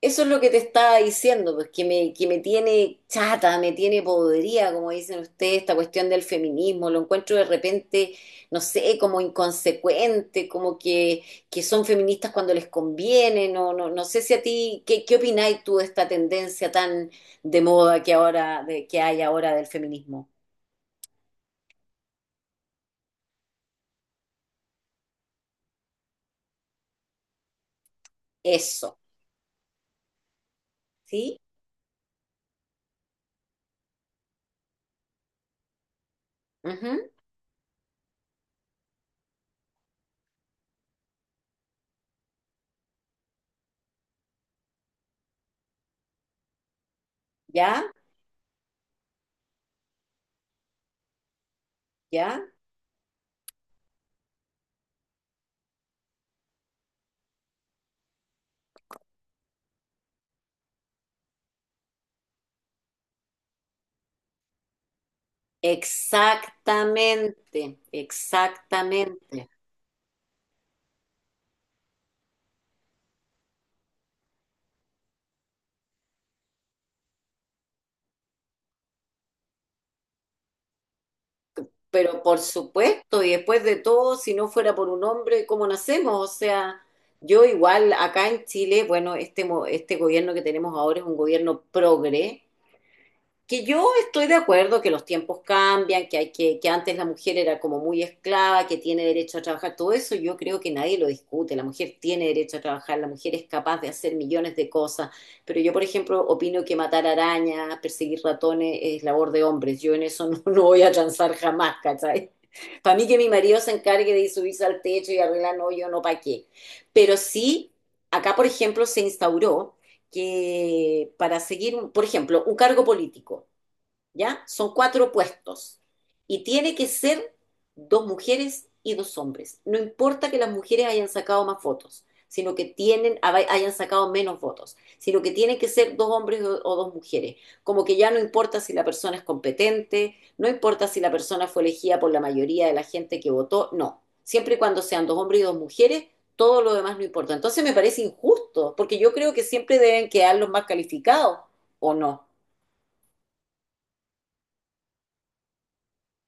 Eso es lo que te estaba diciendo, pues que me tiene chata, me tiene podrida, como dicen ustedes, esta cuestión del feminismo, lo encuentro de repente, no sé, como inconsecuente, como que son feministas cuando les conviene, no, no, no sé si a ti. Qué opináis tú de esta tendencia tan de moda que ahora, que hay ahora del feminismo? Eso. ¿Sí? Ujú. ¿Ya? ¿Ya? Exactamente, exactamente. Pero por supuesto, y después de todo, si no fuera por un hombre, ¿cómo nacemos? O sea, yo igual acá en Chile, bueno, este gobierno que tenemos ahora es un gobierno progre, que yo estoy de acuerdo que los tiempos cambian, que antes la mujer era como muy esclava, que tiene derecho a trabajar, todo eso yo creo que nadie lo discute, la mujer tiene derecho a trabajar, la mujer es capaz de hacer millones de cosas, pero yo por ejemplo opino que matar arañas, perseguir ratones es labor de hombres, yo en eso no, no voy a transar jamás, ¿cachai? Para mí que mi marido se encargue de ir subirse al techo y arreglar, no, yo no, ¿para qué? Pero sí, acá por ejemplo se instauró que para seguir, por ejemplo, un cargo político, ¿ya? Son cuatro puestos y tiene que ser dos mujeres y dos hombres. No importa que las mujeres hayan sacado más votos, sino que tienen, hayan sacado menos votos, sino que tienen que ser dos hombres o dos mujeres. Como que ya no importa si la persona es competente, no importa si la persona fue elegida por la mayoría de la gente que votó, no. Siempre y cuando sean dos hombres y dos mujeres, todo lo demás no importa. Entonces me parece injusto, porque yo creo que siempre deben quedar los más calificados, ¿o no?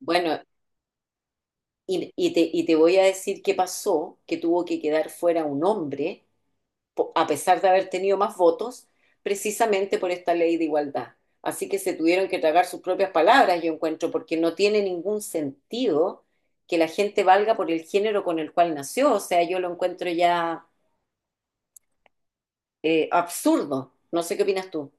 Bueno, y te voy a decir qué pasó, que tuvo que quedar fuera un hombre, a pesar de haber tenido más votos, precisamente por esta ley de igualdad. Así que se tuvieron que tragar sus propias palabras, yo encuentro, porque no tiene ningún sentido que la gente valga por el género con el cual nació. O sea, yo lo encuentro ya absurdo. No sé qué opinas tú.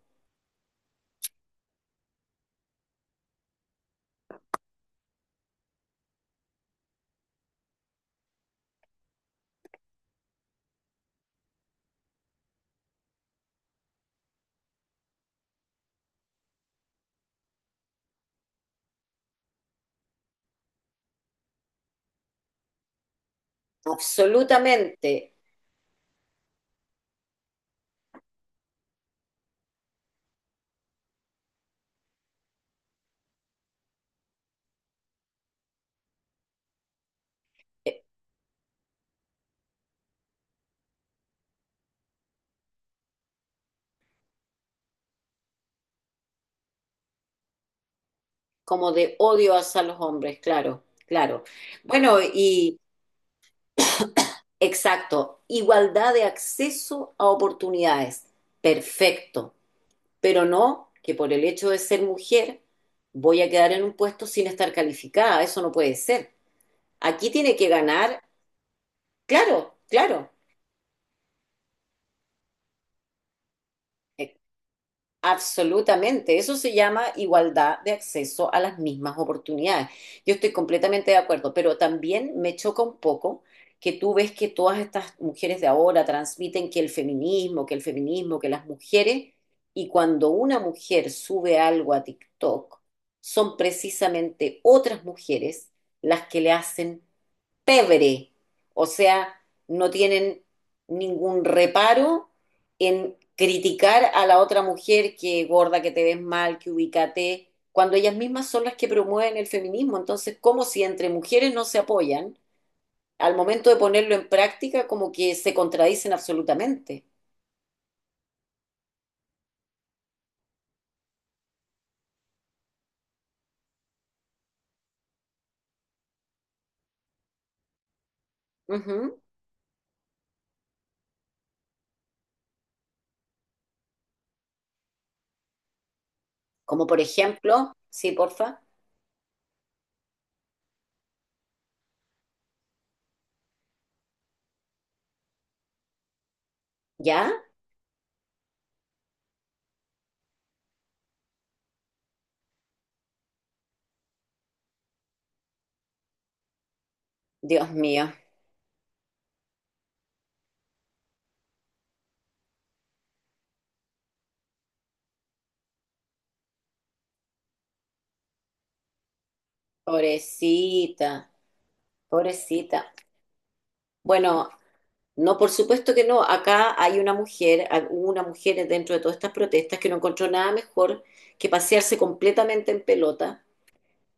Absolutamente, eh, como de odio hacia los hombres, claro, claro. Bueno, y... Exacto, igualdad de acceso a oportunidades. Perfecto, pero no que por el hecho de ser mujer voy a quedar en un puesto sin estar calificada, eso no puede ser. Aquí tiene que ganar, claro, claro. Absolutamente, eso se llama igualdad de acceso a las mismas oportunidades. Yo estoy completamente de acuerdo, pero también me choca un poco que tú ves que todas estas mujeres de ahora transmiten que el feminismo, que el feminismo, que las mujeres, y cuando una mujer sube algo a TikTok, son precisamente otras mujeres las que le hacen pebre, o sea, no tienen ningún reparo en criticar a la otra mujer que gorda, que te ves mal, que ubicate, cuando ellas mismas son las que promueven el feminismo. Entonces, como si entre mujeres no se apoyan, al momento de ponerlo en práctica, como que se contradicen absolutamente. Ujú. Como por ejemplo, sí, porfa. ¿Ya? Dios mío, pobrecita, pobrecita. Bueno, no, por supuesto que no. Acá hay una mujer, hubo una mujer dentro de todas estas protestas que no encontró nada mejor que pasearse completamente en pelota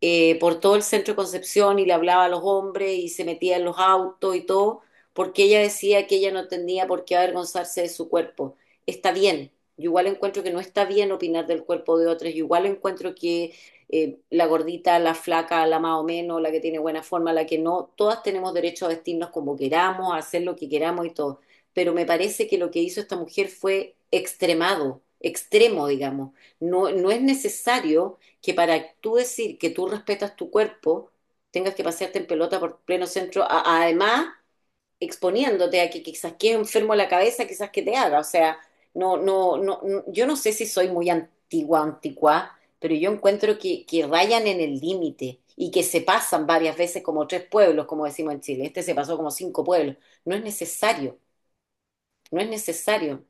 por todo el centro de Concepción y le hablaba a los hombres y se metía en los autos y todo, porque ella decía que ella no tenía por qué avergonzarse de su cuerpo. Está bien, yo igual encuentro que no está bien opinar del cuerpo de otros, yo igual encuentro que la gordita, la flaca, la más o menos, la que tiene buena forma, la que no, todas tenemos derecho a vestirnos como queramos, a hacer lo que queramos y todo. Pero me parece que lo que hizo esta mujer fue extremado, extremo, digamos. No, no es necesario que para tú decir que tú respetas tu cuerpo, tengas que pasearte en pelota por pleno centro, además exponiéndote a que quizás quede enfermo la cabeza, quizás que te haga. O sea, no, no, no, yo no sé si soy muy antigua, anticuá, pero yo encuentro que rayan en el límite y que se pasan varias veces como tres pueblos, como decimos en Chile. Este se pasó como cinco pueblos. No es necesario, no es necesario.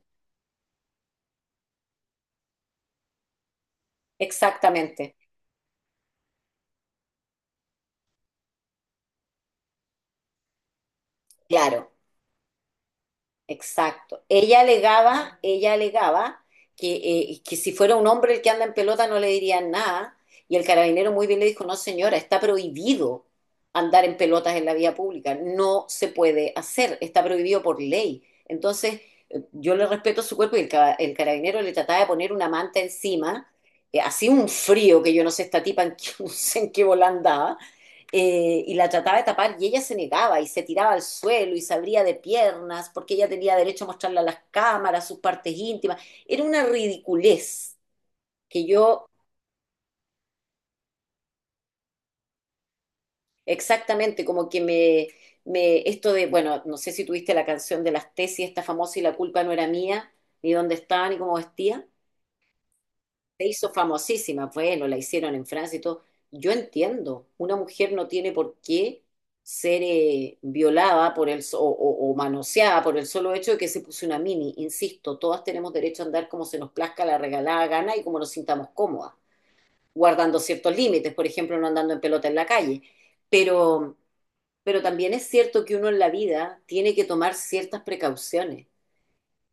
Exactamente, claro. Exacto. Ella alegaba que si fuera un hombre el que anda en pelota no le dirían nada. Y el carabinero muy bien le dijo, no señora, está prohibido andar en pelotas en la vía pública. No se puede hacer, está prohibido por ley. Entonces, yo le respeto su cuerpo y el carabinero le trataba de poner una manta encima. Hacía un frío que yo no sé esta tipa en qué, no sé en qué bola andaba y la trataba de tapar y ella se negaba y se tiraba al suelo y se abría de piernas porque ella tenía derecho a mostrarle a las cámaras sus partes íntimas. Era una ridiculez que yo exactamente como que me, esto de, bueno, no sé si tuviste la canción de las tesis, esta famosa, y la culpa no era mía, ni dónde estaba, ni cómo vestía. Se hizo famosísima, bueno, la hicieron en Francia y todo. Yo entiendo, una mujer no tiene por qué ser violada por el, so- o manoseada por el solo hecho de que se puso una mini. Insisto, todas tenemos derecho a andar como se nos plazca la regalada gana y como nos sintamos cómodas, guardando ciertos límites, por ejemplo, no andando en pelota en la calle. Pero, pero también es cierto que uno en la vida tiene que tomar ciertas precauciones.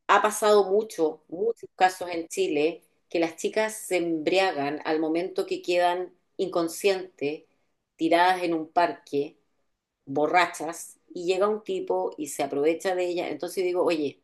Ha pasado muchos casos en Chile que las chicas se embriagan al momento que quedan inconscientes, tiradas en un parque, borrachas, y llega un tipo y se aprovecha de ellas. Entonces digo, oye,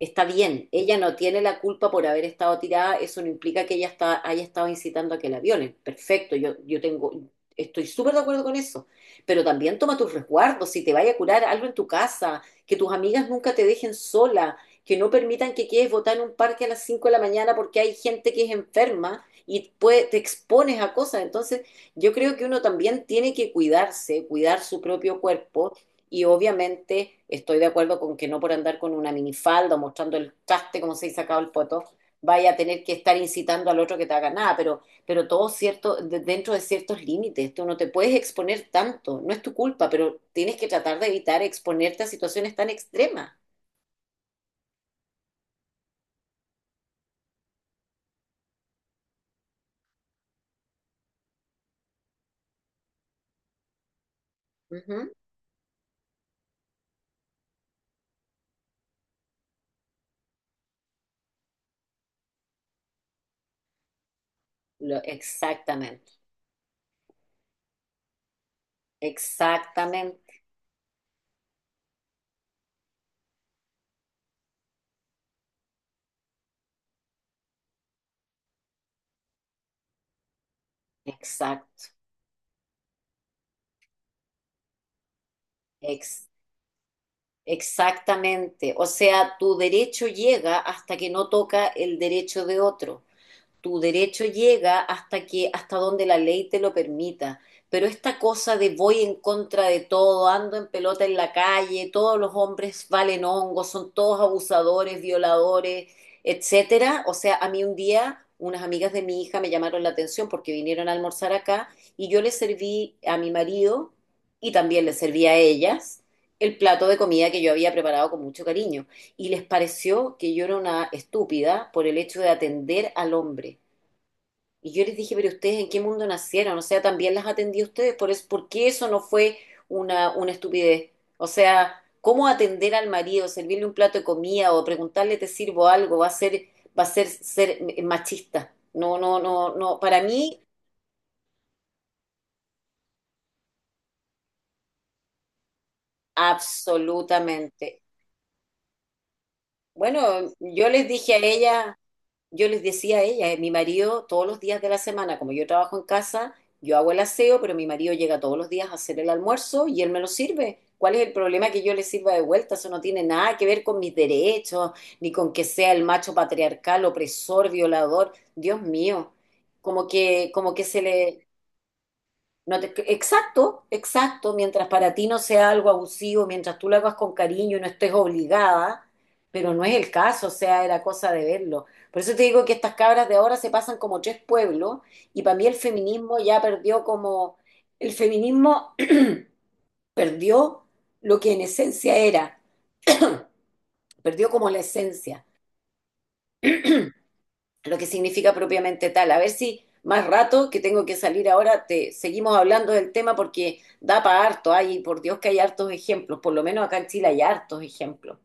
está bien, ella no tiene la culpa por haber estado tirada, eso no implica que ella haya estado incitando a que la violen. Perfecto, yo tengo, estoy súper de acuerdo con eso. Pero también toma tus resguardos, si te vaya a curar algo en tu casa, que tus amigas nunca te dejen sola, que no permitan que quedes botada en un parque a las 5 de la mañana porque hay gente que es enferma y te expones a cosas. Entonces, yo creo que uno también tiene que cuidarse, cuidar su propio cuerpo y obviamente estoy de acuerdo con que no por andar con una minifalda o mostrando el traste, como se dice sacado el poto, vaya a tener que estar incitando al otro que te haga nada, pero todo cierto, dentro de ciertos límites, tú no te puedes exponer tanto, no es tu culpa, pero tienes que tratar de evitar exponerte a situaciones tan extremas. Ujú. Exactamente, exactamente, exacto, ex- exactamente. O sea, tu derecho llega hasta que no toca el derecho de otro, tu derecho llega hasta que, hasta donde la ley te lo permita. Pero esta cosa de voy en contra de todo, ando en pelota en la calle, todos los hombres valen hongos, son todos abusadores, violadores, etcétera. O sea, a mí un día unas amigas de mi hija me llamaron la atención porque vinieron a almorzar acá y yo les serví a mi marido y también les serví a ellas el plato de comida que yo había preparado con mucho cariño y les pareció que yo era una estúpida por el hecho de atender al hombre. Y yo les dije, pero ustedes en qué mundo nacieron, o sea, también las atendí a ustedes, por eso, ¿por qué eso no fue una estupidez? O sea, ¿cómo atender al marido, servirle un plato de comida o preguntarle te sirvo algo va a ser machista? No, no, no, no, para mí, absolutamente. Bueno, yo les dije a ella, yo les decía a ella, mi marido todos los días de la semana, como yo trabajo en casa, yo hago el aseo, pero mi marido llega todos los días a hacer el almuerzo y él me lo sirve. ¿Cuál es el problema que yo le sirva de vuelta? Eso no tiene nada que ver con mis derechos, ni con que sea el macho patriarcal, opresor, violador. Dios mío, como que se le, no te- exacto, exacto, mientras para ti no sea algo abusivo, mientras tú lo hagas con cariño y no estés obligada, pero no es el caso, o sea, era cosa de verlo. Por eso te digo que estas cabras de ahora se pasan como tres pueblos y para mí el feminismo ya perdió como, el feminismo perdió lo que en esencia era, perdió como la esencia. Lo que significa propiamente tal. A ver si más rato, que tengo que salir ahora, te seguimos hablando del tema porque da para harto. Ay, por Dios que hay hartos ejemplos, por lo menos acá en Chile hay hartos ejemplos.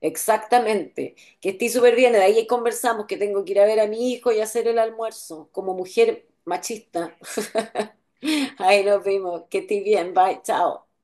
Exactamente, que estoy súper bien, de ahí conversamos que tengo que ir a ver a mi hijo y hacer el almuerzo como mujer machista. Ahí nos vimos, que estés bien, bye, chao.